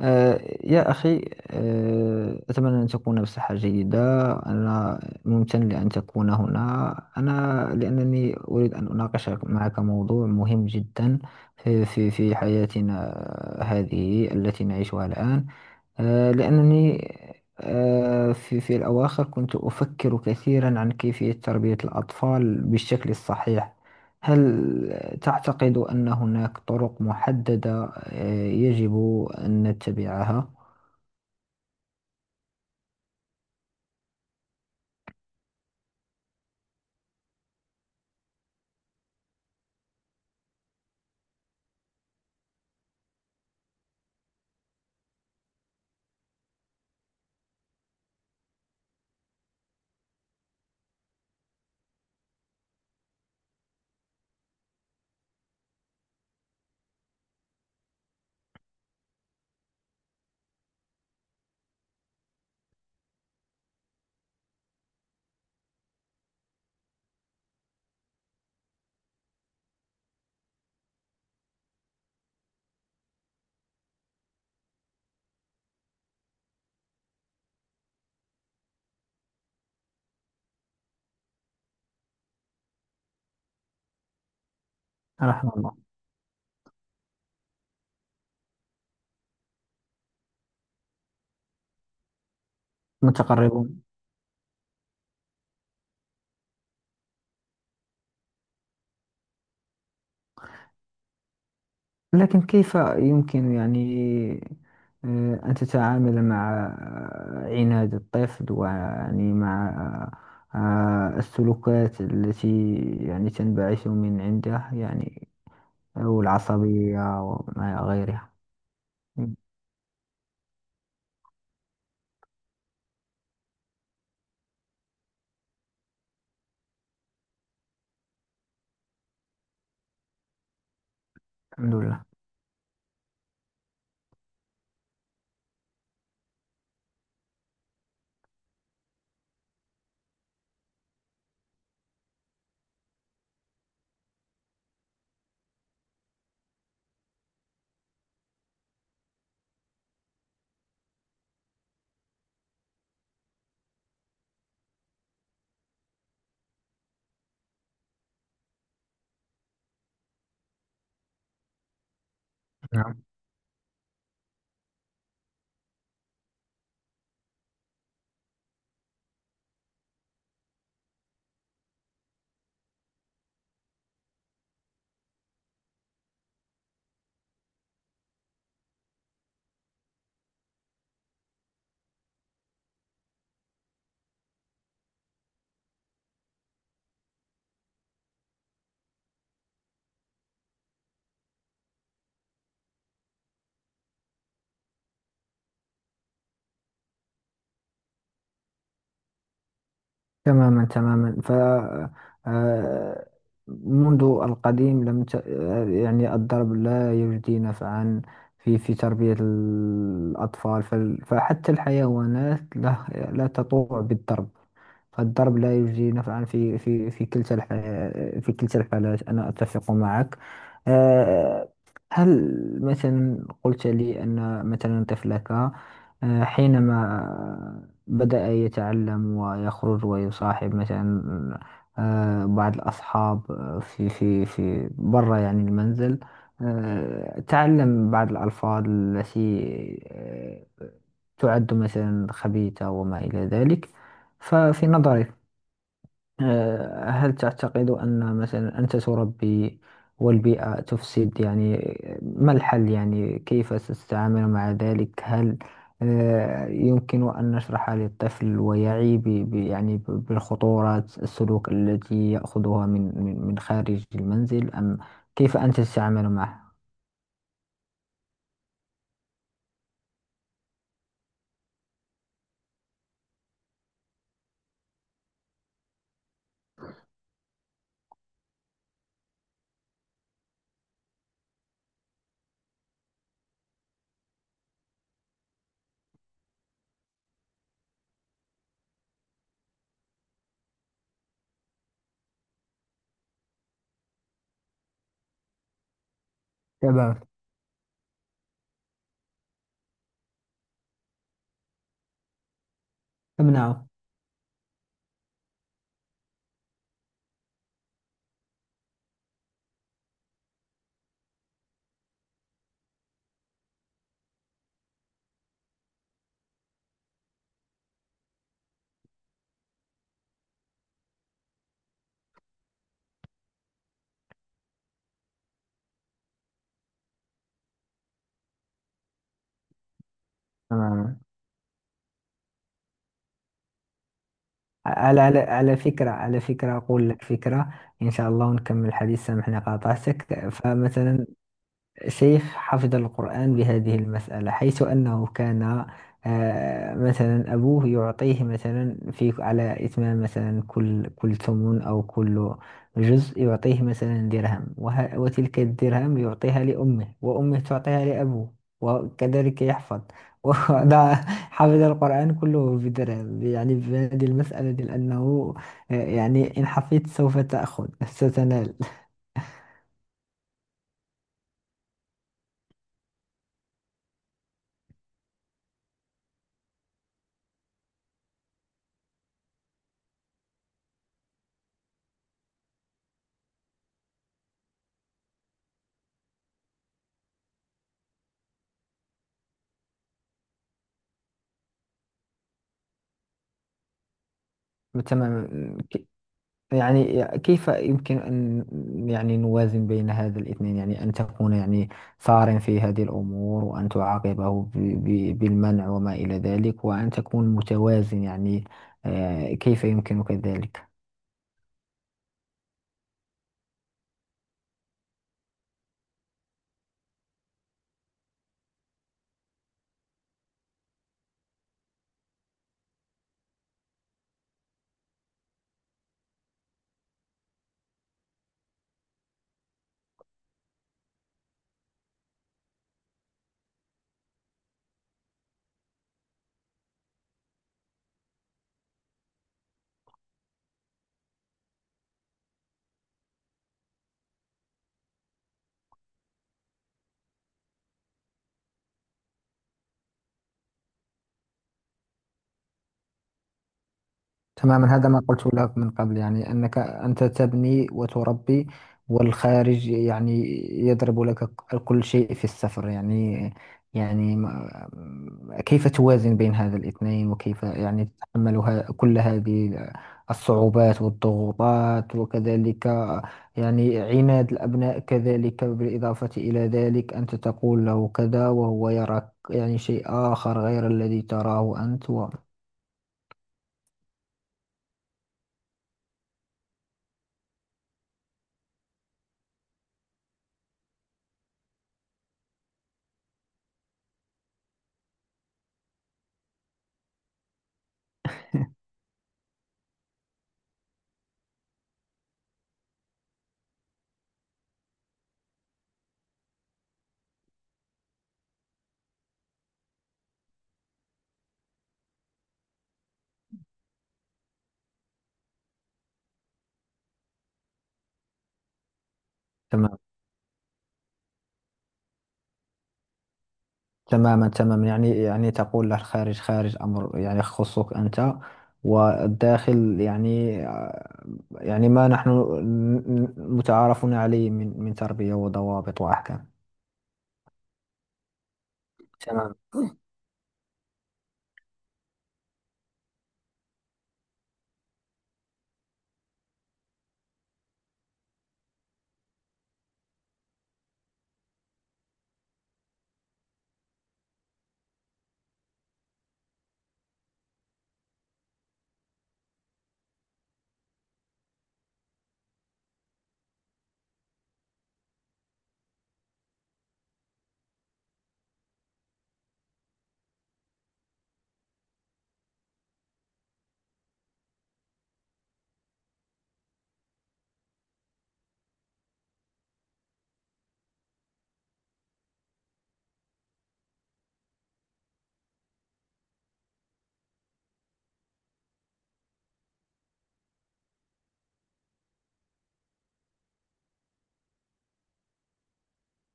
يا أخي. أتمنى أن تكون بصحة جيدة. أنا ممتن لأن تكون هنا. أنا لأنني أريد أن أناقش معك موضوع مهم جدا في حياتنا هذه التي نعيشها الآن. لأنني في الأواخر كنت أفكر كثيرا عن كيفية تربية الأطفال بالشكل الصحيح. هل تعتقد أن هناك طرق محددة يجب أن نتبعها؟ رحم الله. متقربون. لكن كيف يمكن، يعني أن تتعامل مع عناد الطفل، ويعني مع السلوكات التي يعني تنبعث من عنده، يعني والعصبية وما إلى غيرها. الحمد لله. تماما ف آه، منذ القديم لم ت... آه، يعني الضرب لا يجدي نفعا في تربية الأطفال. فحتى الحيوانات لا تطوع بالضرب. فالضرب لا يجدي نفعا في في كلتا الحالات، أنا أتفق معك. آه، هل مثلا قلت لي أن مثلا طفلك حينما بدأ يتعلم ويخرج ويصاحب مثلا بعض الأصحاب في برا يعني المنزل، تعلم بعض الألفاظ التي آه، تعد مثلا خبيثة وما إلى ذلك. ففي نظرك هل تعتقد أن مثلا أنت تربي والبيئة تفسد، يعني ما الحل؟ يعني كيف ستتعامل مع ذلك؟ هل يمكن أن نشرح للطفل ويعي يعني بالخطورات السلوك التي يأخذها من خارج المنزل، أم كيف أنت تتعامل معه؟ تمام. امنعه. تماما. على فكرة، أقول لك فكرة، إن شاء الله، ونكمل الحديث. سامحني قاطعتك. فمثلا سيف حفظ القرآن بهذه المسألة، حيث أنه كان مثلا أبوه يعطيه مثلا في على إتمام مثلا كل ثمن أو كل جزء يعطيه مثلا درهم، وتلك الدرهم يعطيها لأمه، وأمه تعطيها لأبوه، وكذلك يحفظ. وده حفظ القرآن كله بدرهم، يعني بهذه المسألة دي، لأنه يعني إن حفظت سوف تأخذ، ستنال. تمام. يعني كيف يمكن أن يعني نوازن بين هذا الاثنين؟ يعني أن تكون يعني ثار في هذه الأمور، وأن تعاقبه بالمنع وما إلى ذلك، وأن تكون متوازن، يعني كيف يمكنك ذلك؟ تماما. هذا ما قلت لك من قبل، يعني أنك أنت تبني وتربي، والخارج يعني يضرب لك كل شيء في السفر، يعني يعني ما- كيف توازن بين هذا الاثنين؟ وكيف يعني تتحمل كل هذه الصعوبات والضغوطات؟ وكذلك يعني عناد الأبناء كذلك، بالإضافة إلى ذلك، أنت تقول له كذا وهو يراك يعني شيء آخر غير الذي تراه أنت و... تماما، يعني يعني تقول له الخارج خارج، أمر يعني يخصك أنت، والداخل يعني يعني ما نحن متعارفون عليه من تربية وضوابط وأحكام. تمام.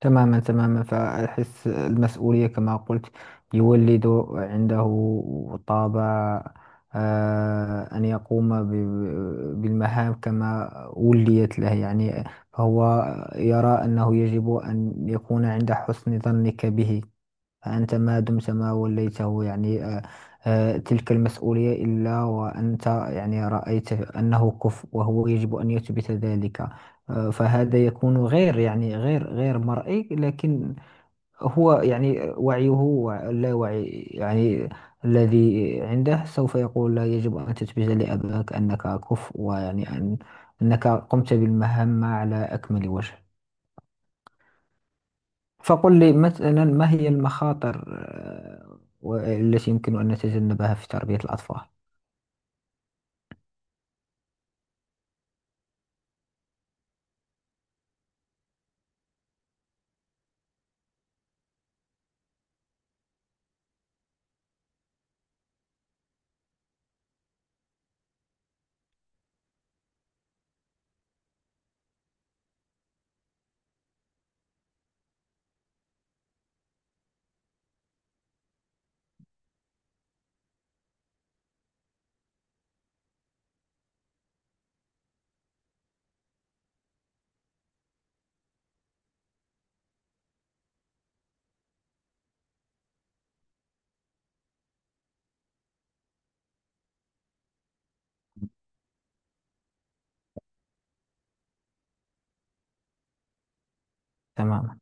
تماما. فأحس المسؤولية كما قلت يولد عنده طابع أن يقوم بالمهام كما وليت له، يعني فهو يرى أنه يجب أن يكون عند حسن ظنك به. فأنت ما دمت ما وليته، يعني تلك المسؤولية، إلا وأنت يعني رأيت أنه كفء، وهو يجب أن يثبت ذلك. فهذا يكون غير، يعني غير مرئي، لكن هو يعني وعيه، لا وعي، يعني الذي عنده، سوف يقول لا، يجب أن تثبت لأباك أنك كفء، ويعني أن أنك قمت بالمهمة على أكمل وجه. فقل لي مثلا، ما هي المخاطر التي يمكن أن نتجنبها في تربية الأطفال؟ تماما.